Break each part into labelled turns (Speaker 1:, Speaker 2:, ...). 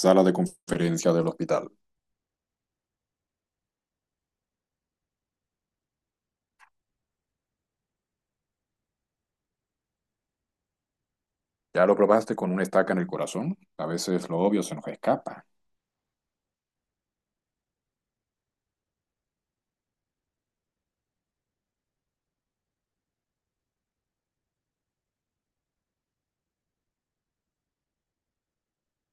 Speaker 1: Sala de conferencia del hospital. ¿Ya lo probaste con una estaca en el corazón? A veces lo obvio se nos escapa.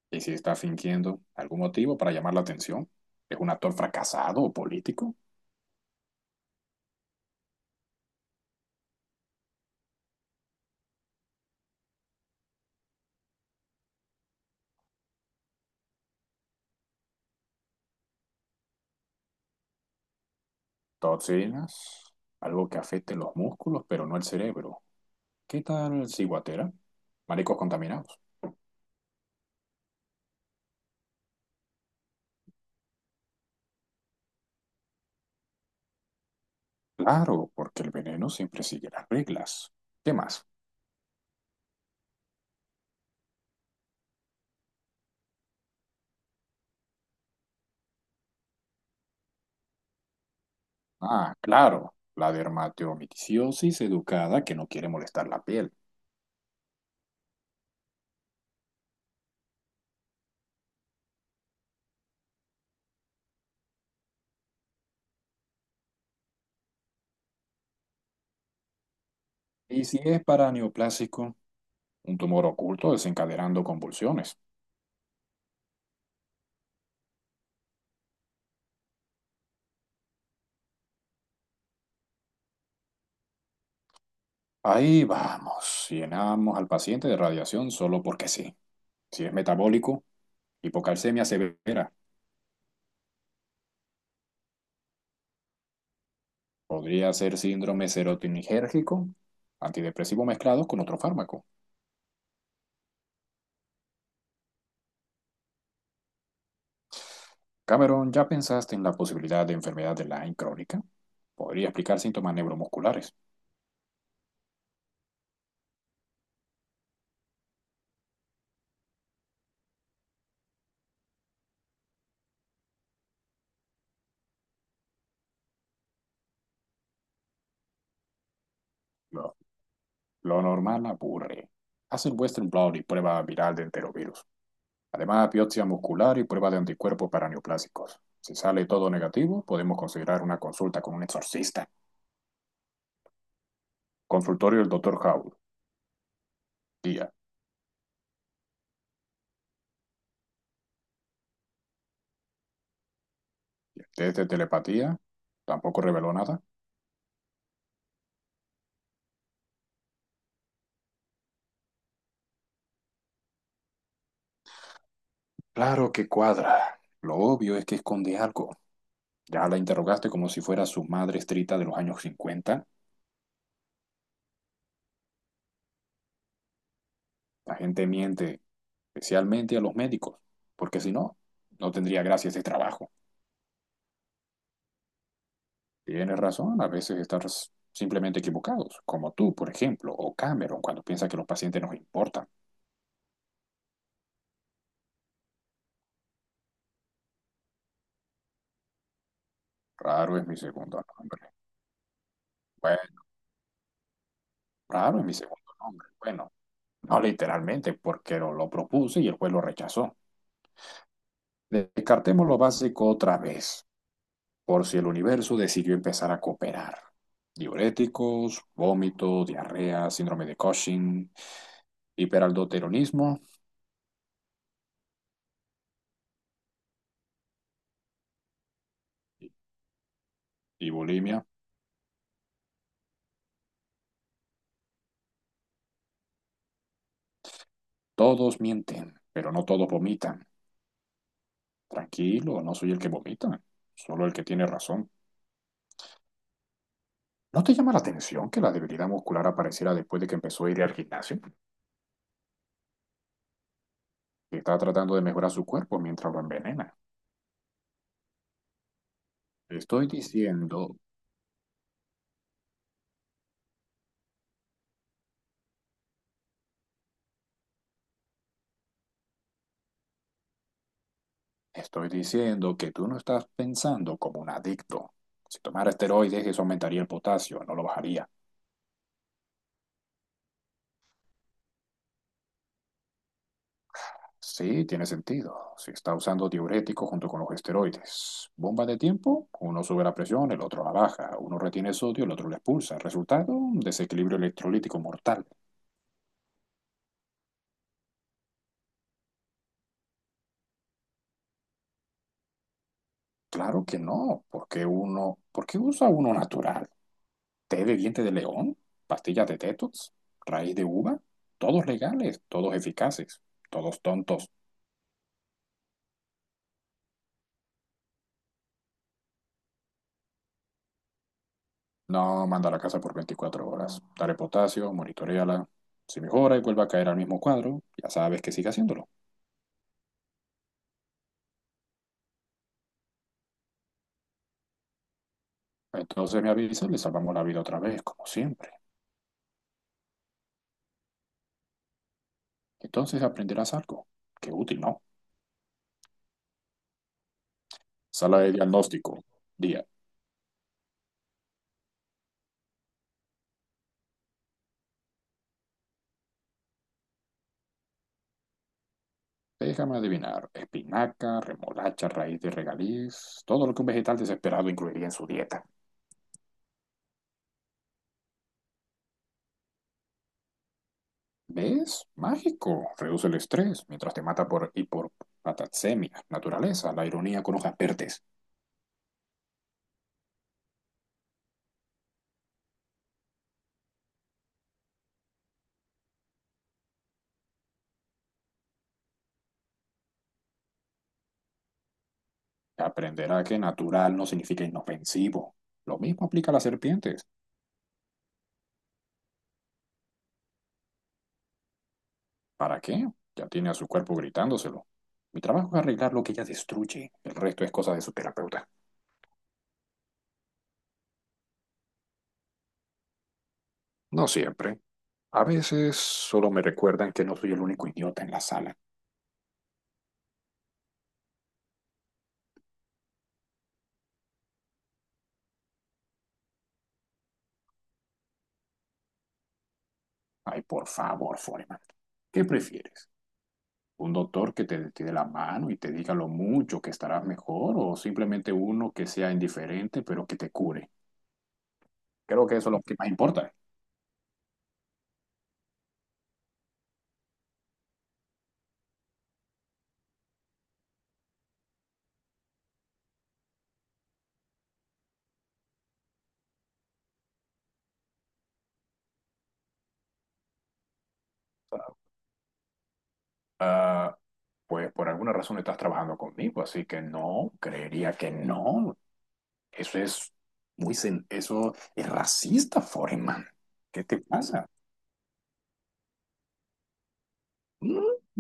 Speaker 1: ¿Y si está fingiendo algún motivo para llamar la atención? ¿Es un actor fracasado o político? Toxinas, algo que afecte los músculos pero no el cerebro. ¿Qué tal ciguatera? Mariscos contaminados. Claro, porque el veneno siempre sigue las reglas. ¿Qué más? Ah, claro, la dermatomicosis educada que no quiere molestar la piel. ¿Y si es para neoplásico? Un tumor oculto desencadenando convulsiones. Ahí vamos, llenamos al paciente de radiación solo porque sí. Si es metabólico, hipocalcemia severa, podría ser síndrome serotoninérgico, antidepresivo mezclado con otro fármaco. Cameron, ¿ya pensaste en la posibilidad de enfermedad de Lyme crónica? Podría explicar síntomas neuromusculares. Lo, lo normal aburre. Haz el Western Blot y prueba viral de enterovirus. Además, biopsia muscular y prueba de anticuerpos para neoplásicos. Si sale todo negativo, podemos considerar una consulta con un exorcista. Consultorio del doctor Howell, día. ¿Y el test de telepatía? ¿Tampoco reveló nada? Claro que cuadra. Lo obvio es que esconde algo. ¿Ya la interrogaste como si fuera su madre estrita de los años cincuenta? La gente miente, especialmente a los médicos, porque si no, no tendría gracia ese trabajo. Tienes razón, a veces estás simplemente equivocados, como tú, por ejemplo, o Cameron, cuando piensa que los pacientes nos importan. Raro es mi segundo nombre. Bueno, raro es mi segundo nombre. Bueno, no literalmente, porque lo propuse y el juez lo rechazó. Descartemos lo básico otra vez, por si el universo decidió empezar a cooperar. Diuréticos, vómito, diarrea, síndrome de Cushing, hiperaldoteronismo y y bulimia. Todos mienten, pero no todos vomitan. Tranquilo, no soy el que vomita, solo el que tiene razón. ¿No te llama la atención que la debilidad muscular apareciera después de que empezó a ir al gimnasio? Que está tratando de mejorar su cuerpo mientras lo envenena. Estoy diciendo, estoy diciendo que tú no estás pensando como un adicto. Si tomara esteroides, eso aumentaría el potasio, no lo bajaría. Sí, tiene sentido. Si está usando diuréticos junto con los esteroides. Bomba de tiempo, uno sube la presión, el otro la baja. Uno retiene sodio, el otro la expulsa. Resultado, un desequilibrio electrolítico mortal. Claro que no, porque uno, ¿por qué usa uno natural? Té de diente de león, pastillas de tetos, raíz de uva, todos legales, todos eficaces, todos tontos. No, manda a la casa por 24 horas. Dale potasio, monitoreala. Si mejora y vuelve a caer al mismo cuadro, ya sabes que sigue haciéndolo. Entonces me avisa y le salvamos la vida otra vez, como siempre. Entonces aprenderás algo. Qué útil, ¿no? Sala de diagnóstico, día. Déjame adivinar, espinaca, remolacha, raíz de regaliz, todo lo que un vegetal desesperado incluiría en su dieta. ¿Ves? Mágico. Reduce el estrés mientras te mata por hipopataxemia. Naturaleza, la ironía con hojas verdes. Aprenderá que natural no significa inofensivo. Lo mismo aplica a las serpientes. ¿Para qué? Ya tiene a su cuerpo gritándoselo. Mi trabajo es arreglar lo que ella destruye. El resto es cosa de su terapeuta. No siempre. A veces solo me recuerdan que no soy el único idiota en la sala. Ay, por favor, Foreman, ¿qué prefieres? ¿Un doctor que te la mano y te diga lo mucho que estarás mejor o simplemente uno que sea indiferente pero que te cure? Creo que eso es lo que más importa. Ah, pues por alguna razón estás trabajando conmigo, así que no, creería que no. Eso es eso es racista, Foreman. ¿Qué te pasa? Mm.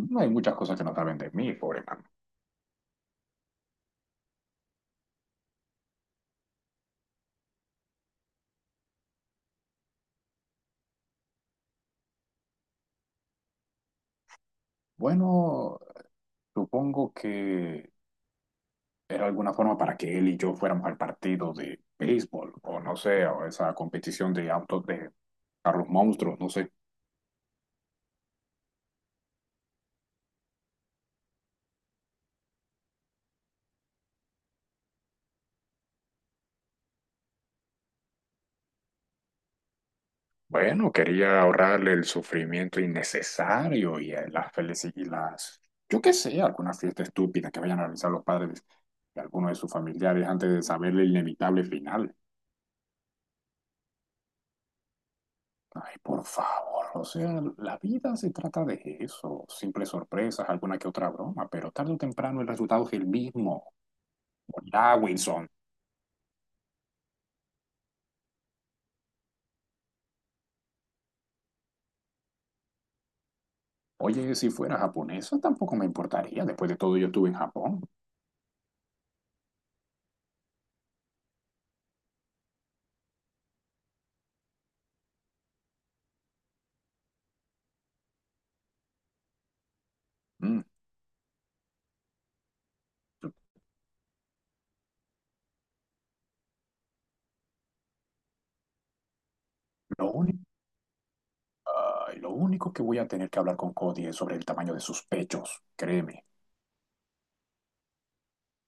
Speaker 1: No hay muchas cosas que no saben de mí, Foreman. Bueno, supongo que era alguna forma para que él y yo fuéramos al partido de béisbol, o no sé, o esa competición de autos de carros monstruos, no sé. Bueno, quería ahorrarle el sufrimiento innecesario y las felices y las, yo qué sé, alguna fiesta estúpida que vayan a realizar los padres de alguno de sus familiares antes de saber el inevitable final. Ay, por favor, o sea, la vida se trata de eso, simples sorpresas, alguna que otra broma, pero tarde o temprano el resultado es el mismo. Hola, Wilson. Oye, si fuera japonesa tampoco me importaría. Después de todo, yo estuve en Japón. Mm. Lo único, ay, lo único que voy a tener que hablar con Cody es sobre el tamaño de sus pechos, créeme.